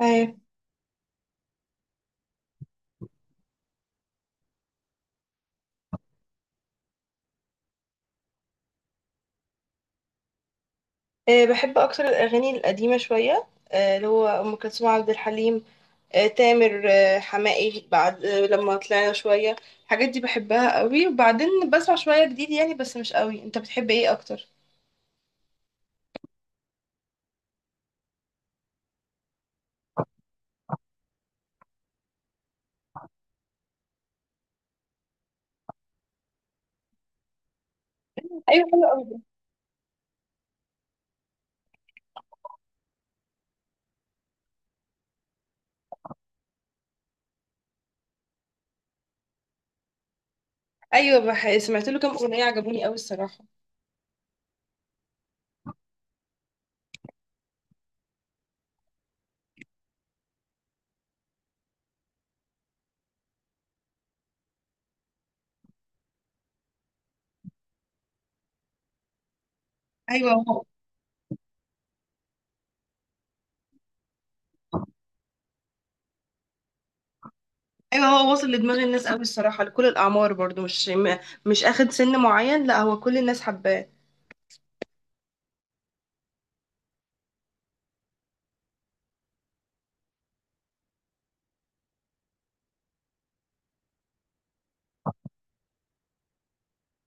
أيوة. بحب أكتر الأغاني القديمة شوية، اللي هو أم كلثوم، عبد الحليم، تامر، حماقي، بعد لما طلعنا شوية. الحاجات دي بحبها قوي، وبعدين بسمع شوية جديد يعني، بس مش قوي. أنت بتحب إيه أكتر؟ ايوه حلو قوي. أيوة، سمعت له كام أغنية عجبوني قوي الصراحة. أيوة هو. أيوة هو واصل لدماغ الناس قوي الصراحة، لكل الأعمار برضو، مش أخد سن معين، لا هو كل الناس حباه.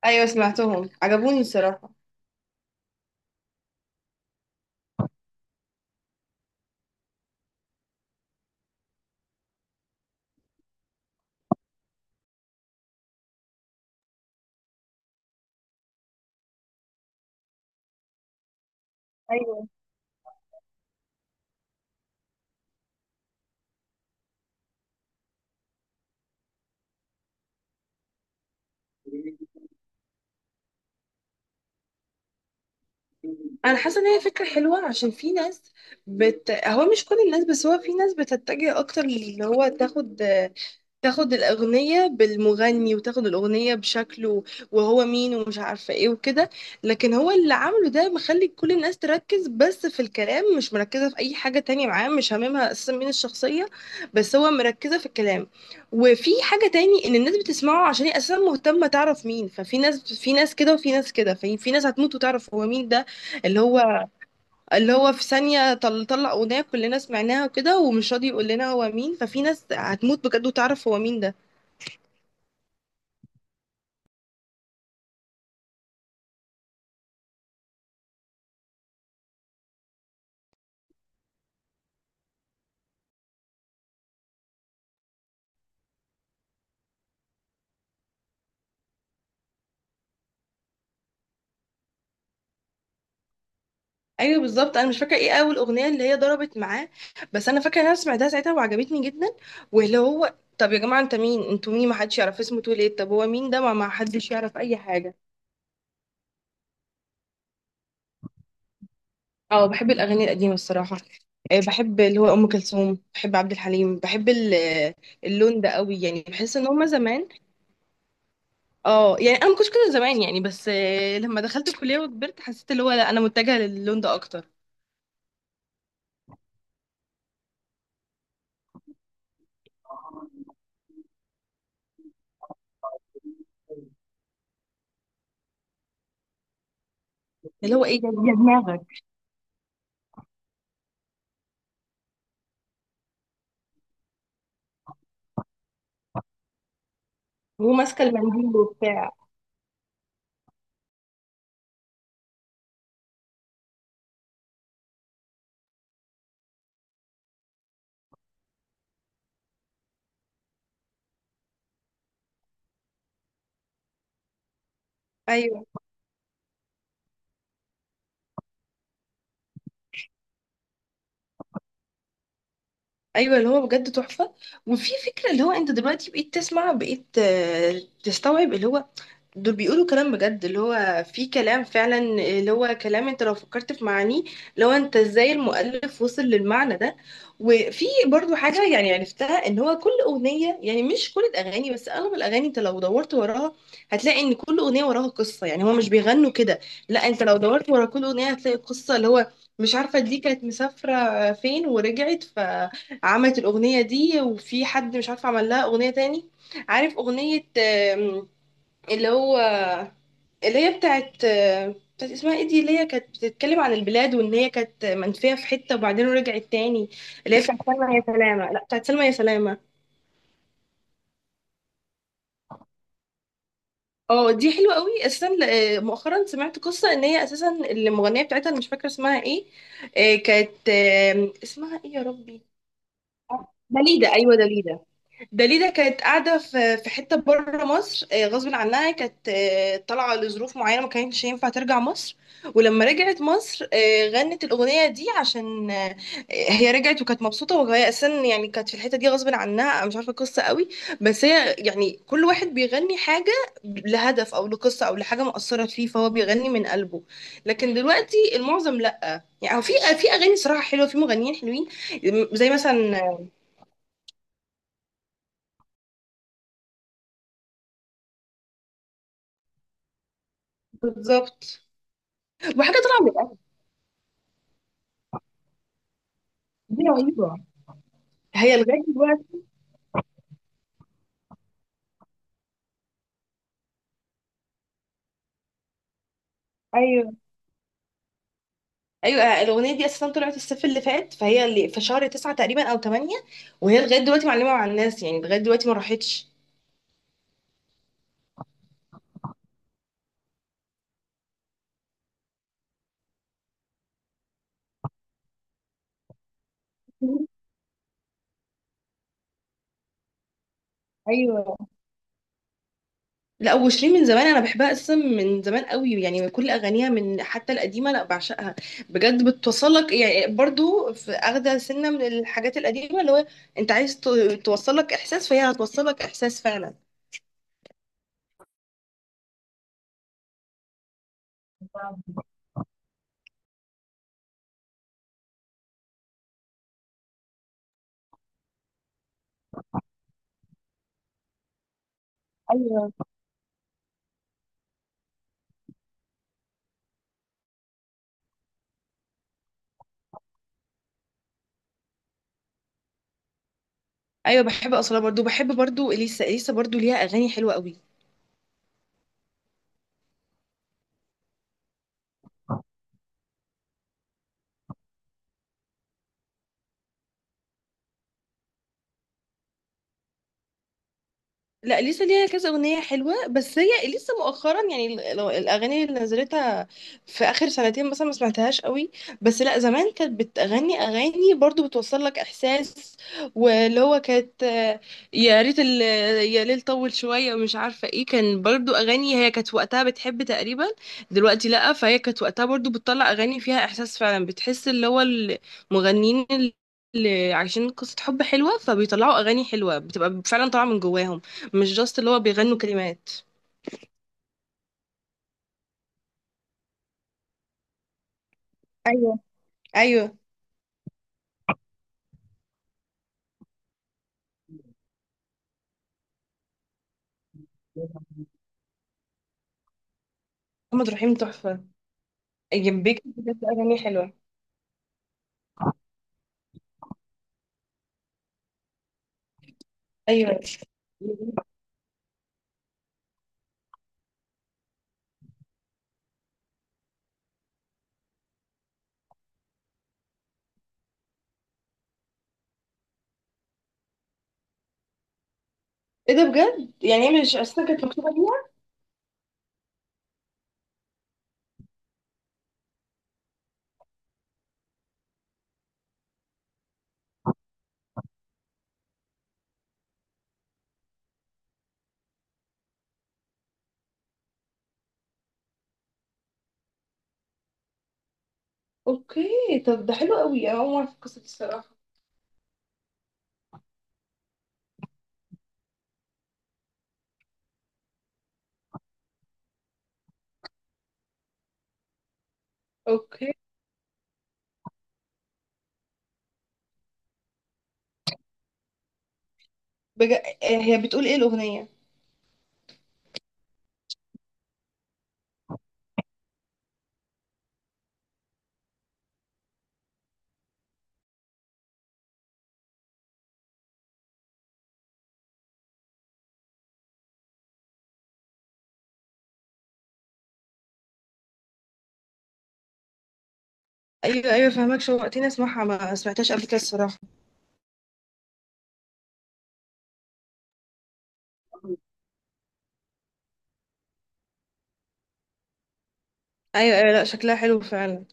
أيوة سمعتهم عجبوني الصراحة. أيوة. انا حاسه ان هي فكره حلوه عشان في ناس، هو مش كل الناس، بس هو في ناس بتتجه اكتر اللي هو تاخد، الأغنية بالمغني، وتاخد الأغنية بشكله، وهو مين ومش عارفة ايه وكده. لكن هو اللي عامله ده مخلي كل الناس تركز بس في الكلام، مش مركزة في أي حاجة تانية معاه، مش هاممها أساسا مين الشخصية، بس هو مركزة في الكلام. وفي حاجة تاني، إن الناس بتسمعه عشان هي أساسا مهتمة تعرف مين. ففي ناس في ناس كده، وفي ناس كده، في ناس هتموت وتعرف هو مين ده. اللي هو اللي هو في ثانية طلع أغنية كلنا سمعناها وكده، ومش راضي يقول لنا هو مين، ففي ناس هتموت بجد وتعرف هو مين ده. ايوه بالظبط. انا مش فاكره ايه اول اغنيه اللي هي ضربت معاه، بس انا فاكره ان انا سمعتها ساعتها وعجبتني جدا. واللي هو طب يا جماعه انت مين؟ انتوا مين؟ ما حدش يعرف اسمه، تقول ايه؟ طب هو مين ده؟ ما حدش يعرف اي حاجه. اه بحب الاغاني القديمه الصراحه. بحب اللي هو ام كلثوم، بحب عبد الحليم، بحب اللون ده قوي، يعني بحس ان هما زمان. اه يعني انا ما كنتش كده زمان يعني، بس لما دخلت الكليه وكبرت، حسيت اللي هو لا، انا متجهه للون ده اكتر. اللي هو ايه يا دماغك؟ وماسكه المنديل وبتاع. أيوه. ايوه اللي هو بجد تحفه. وفي فكره، اللي هو انت دلوقتي بقيت تسمع، بقيت تستوعب اللي هو دول بيقولوا كلام بجد. اللي هو في كلام فعلا، اللي هو كلام انت لو فكرت في معانيه، لو انت ازاي المؤلف وصل للمعنى ده. وفي برضو حاجه يعني عرفتها، ان هو كل اغنيه، يعني مش كل الاغاني بس اغلب الاغاني، انت لو دورت وراها هتلاقي ان كل اغنيه وراها قصه، يعني هو مش بيغنوا كده. لا انت لو دورت ورا كل اغنيه هتلاقي قصه. اللي هو مش عارفه، دي كانت مسافره فين ورجعت، ف عملت الأغنية دي. وفي حد مش عارفة عمل لها أغنية تاني. عارف أغنية اللي هو، اللي هي بتاعت بتاعت اسمها ايه دي، اللي هي كانت بتتكلم عن البلاد، وان هي كانت منفية في حتة وبعدين رجعت تاني. اللي هي بتاعت سلمى يا سلامة. لا بتاعت سلمى يا سلامة. اه دي حلوة قوي اساسا. مؤخرا سمعت قصة ان هي اساسا المغنية بتاعتها أنا مش فاكرة اسمها ايه. كانت اسمها ايه يا ربي؟ دليدة، ايوه دليدة. داليدا كانت قاعدة في حتة بره مصر غصب عنها. كانت طالعة لظروف معينة، ما كانتش ينفع ترجع مصر. ولما رجعت مصر غنت الأغنية دي عشان هي رجعت وكانت مبسوطة، وهي أساسا يعني كانت في الحتة دي غصب عنها. أنا مش عارفة القصة قوي، بس هي يعني كل واحد بيغني حاجة لهدف أو لقصة أو لحاجة مؤثرة فيه، فهو بيغني من قلبه. لكن دلوقتي المعظم لأ. يعني هو في، أغاني صراحة حلوة، في مغنيين حلوين. زي مثلا. بالظبط. وحاجة طالعة. دي رهيبة. هي لغاية دلوقتي. أيوه. أيوه الأغنية دي أساسا طلعت الصيف اللي فات، فهي اللي في شهر 9 تقريبا أو 8، وهي لغاية دلوقتي معلمة مع الناس، يعني لغاية دلوقتي ما راحتش. ايوه. لا وشيرين من زمان أنا بحبها أساسا، من زمان قوي يعني، من كل أغانيها، من حتى القديمة، لا بعشقها بجد. بتوصلك يعني، برضو في أخدة سنة من الحاجات القديمة اللي هو، أنت عايز ت- توصلك إحساس، فهي هتوصلك إحساس فعلا. ايوه. أيوه بحب أصلا برضو، بحب برضو إليسا. إليسا برضو ليها أغاني حلوة قوي. لا اليسا ليها كذا اغنيه حلوه، بس هي لسه مؤخرا يعني، الاغاني اللي نزلتها في اخر سنتين مثلا ما سمعتهاش قوي. بس لا زمان كانت بتغني اغاني برضو بتوصل لك احساس. واللي هو كانت يا ريت يا ليل طول شويه ومش عارفه ايه، كان برضو اغاني هي كانت وقتها بتحب تقريبا. دلوقتي لا. فهي كانت وقتها برضو بتطلع اغاني فيها احساس فعلا، بتحس اللي هو المغنيين اللي عايشين قصه حب حلوه فبيطلعوا اغاني حلوه بتبقى فعلا طالعه من جواهم، مش جاست اللي هو بيغنوا كلمات. ايوه. ايوه محمد رحيم تحفة. جنبك بجد أغاني حلوة. أيوة. ايه ده بجد؟ يعني هي مش أصلا كانت مكتوبة ليها؟ اوكي، طب ده حلو قوي. انا اول مرة في القصة دي الصراحة. اوكي. بجد، هي بتقول ايه الأغنية؟ ايوه ايوه، فهمك شوقتني اسمعها، ما سمعتهاش قبل كده الصراحة. ايوه ايوه، لا شكلها حلو فعلا.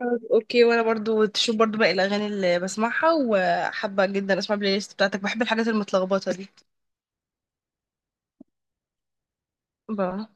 طب، اوكي. وانا برضو تشوف برضو باقي الاغاني اللي بسمعها، وحابة جدا اسمع البلاي ليست بتاعتك، بحب الحاجات المتلخبطة دي. بقى.